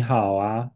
你好啊，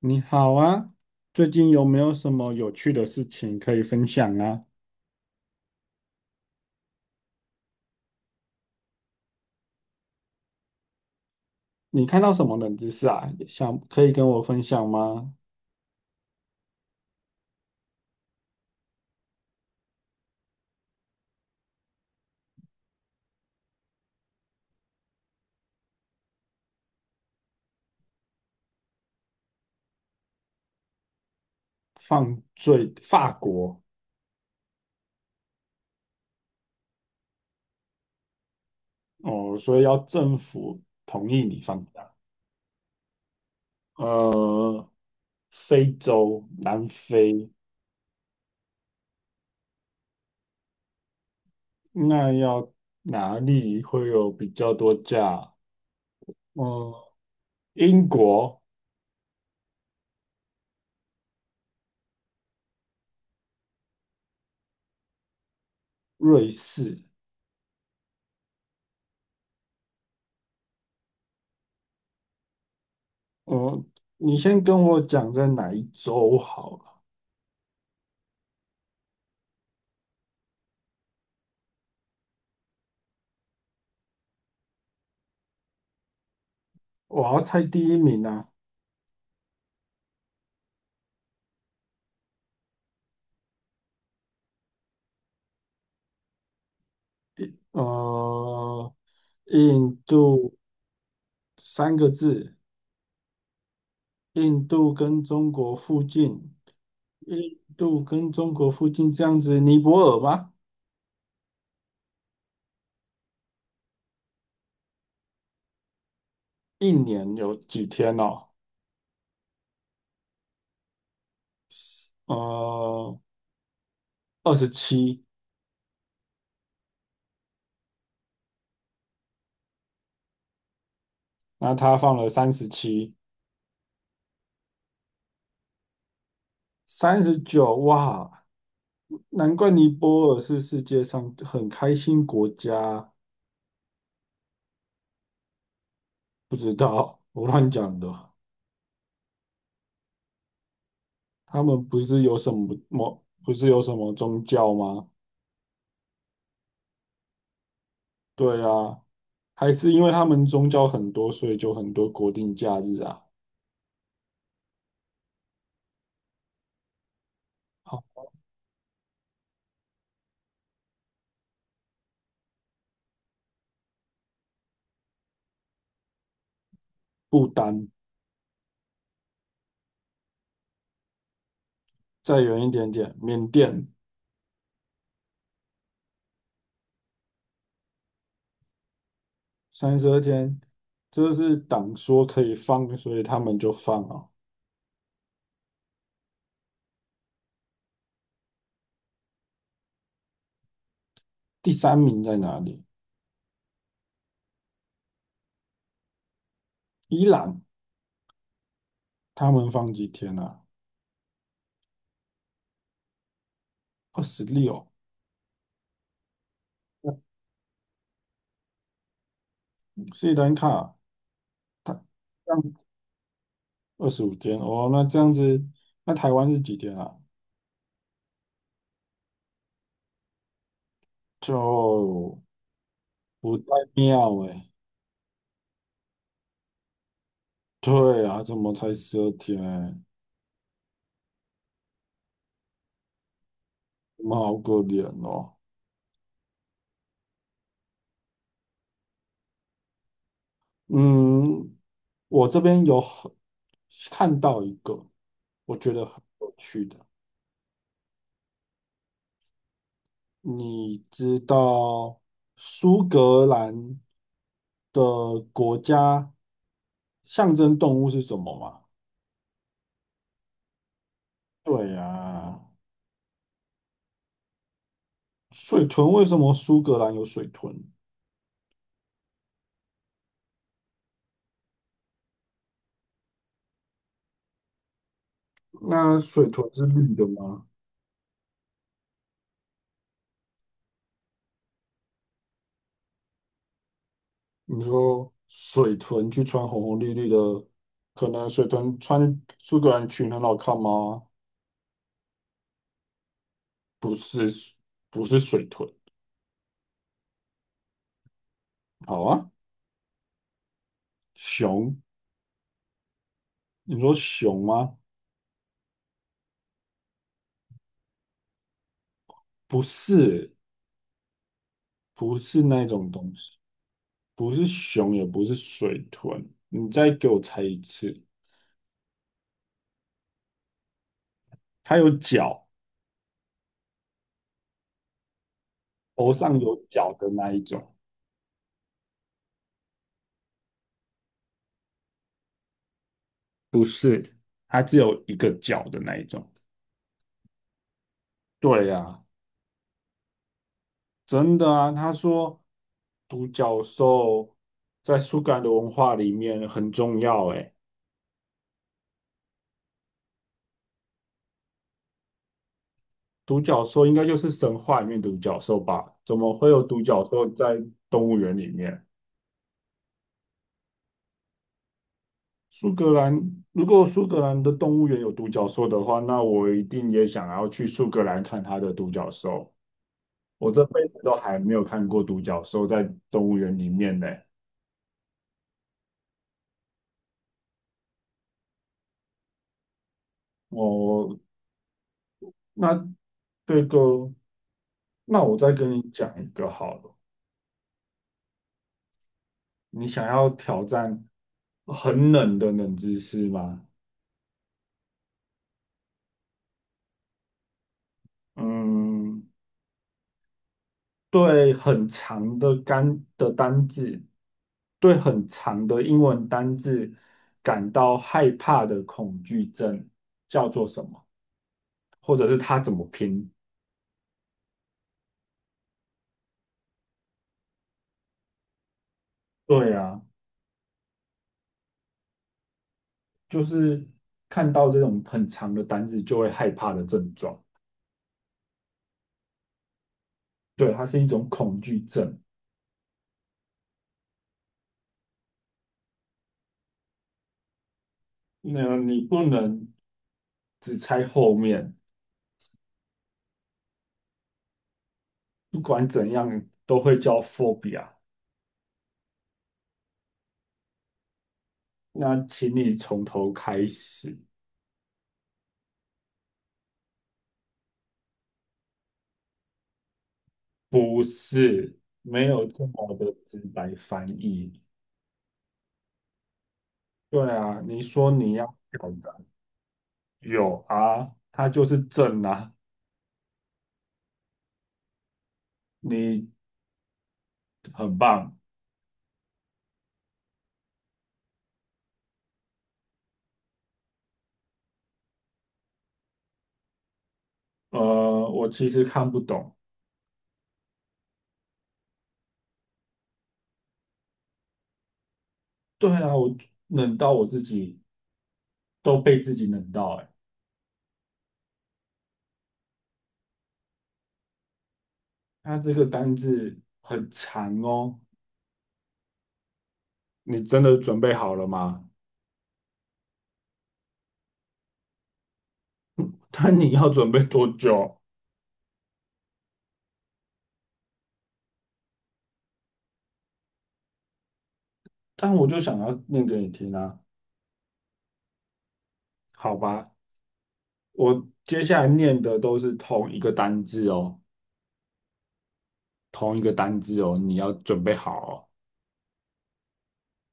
你好啊，最近有没有什么有趣的事情可以分享啊？你看到什么冷知识啊？想可以跟我分享吗？犯罪，法国。哦，所以要政府同意你放假。呃，非洲，南非，那要哪里会有比较多假？呃，英国、瑞士，呃，你先跟我讲在哪一周好。我要猜第一名啊，呃，印度三个字，印度跟中国附近，印度跟中国附近这样子，尼泊尔吗？一年有几天哦？呃，27，那他放了37，39，哇，难怪尼泊尔是世界上很开心国家，不知道，我乱讲的，他们不是有什么某，不是有什么宗教吗？对啊，还是因为他们宗教很多，所以就很多国定假日啊。好，不丹再远一点点，缅甸32天，这是党说可以放，所以他们就放啊。第三名在哪里？伊朗，他们放几天啊？26。斯里兰卡，他这样25天哦，那这样子，那台湾是几天啊？就不太妙哎、对啊，怎么才十二天？们好可怜哦。嗯，我这边有很看到一个，我觉得很有趣的。你知道苏格兰的国家象征动物是什么吗？对呀，水豚。为什么苏格兰有水豚？那水豚是绿的吗？你说水豚去穿红红绿绿的，可能水豚穿苏格兰裙很好看吗？不是不是水豚，好啊，熊，你说熊吗？不是不是那种东西，不是熊，也不是水豚。你再给我猜一次，它有脚，头上有角的那一种，不是，它只有一个角的那一种。对呀，真的啊，他说独角兽在苏格兰的文化里面很重要，诶。独角兽应该就是神话里面独角兽吧？怎么会有独角兽在动物园里面？苏格兰，如果苏格兰的动物园有独角兽的话，那我一定也想要去苏格兰看它的独角兽。我这辈子都还没有看过独角兽在动物园里面呢。我那这个，那我再跟你讲一个好了。你想要挑战很冷的冷知识吗？嗯，对很长的单的单字，对很长的英文单字感到害怕的恐惧症叫做什么？或者是它怎么拼？对啊，就是看到这种很长的单字就会害怕的症状。对，它是一种恐惧症。那你不能只猜后面，不管怎样都会叫 phobia。那请你从头开始。不是，没有这么的直白翻译。对啊，你说你要表达有啊，它就是正啊，你很棒。呃，我其实看不懂。对啊，我冷到我自己都被自己冷到哎、欸。它这个单字很长哦，你真的准备好了吗？但你要准备多久？但我就想要念给你听啊，好吧？我接下来念的都是同一个单字哦。同一个单字哦，你要准备好哦。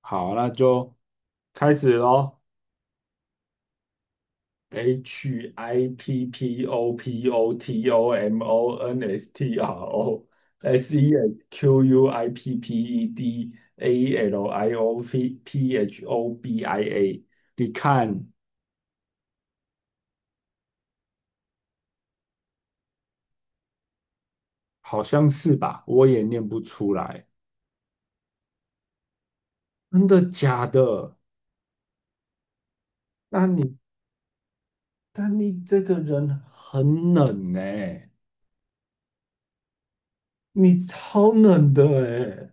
好，那就开始喽。Hippopotomonstro sesquippedaliopphobia，你看，好像是吧？我也念不出来，真的假的？那你，那你这个人很冷呢、你超冷的哎、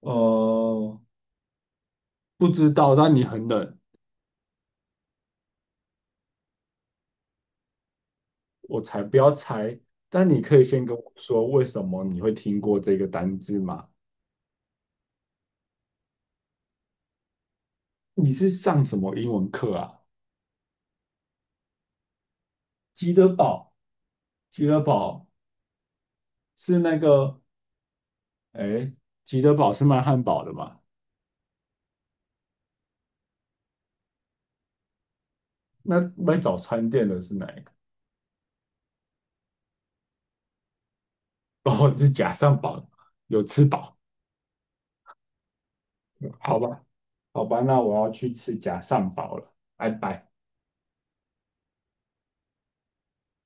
呃，不知道，但你很冷，我才不要猜。但你可以先跟我说，为什么你会听过这个单字吗？你是上什么英文课啊？吉德堡，吉德堡是那个，哎，吉德堡是卖汉堡的吗？那卖早餐店的是哪一个？哦，是假上堡，有吃饱，好吧，好吧，那我要去吃假上堡了，拜拜。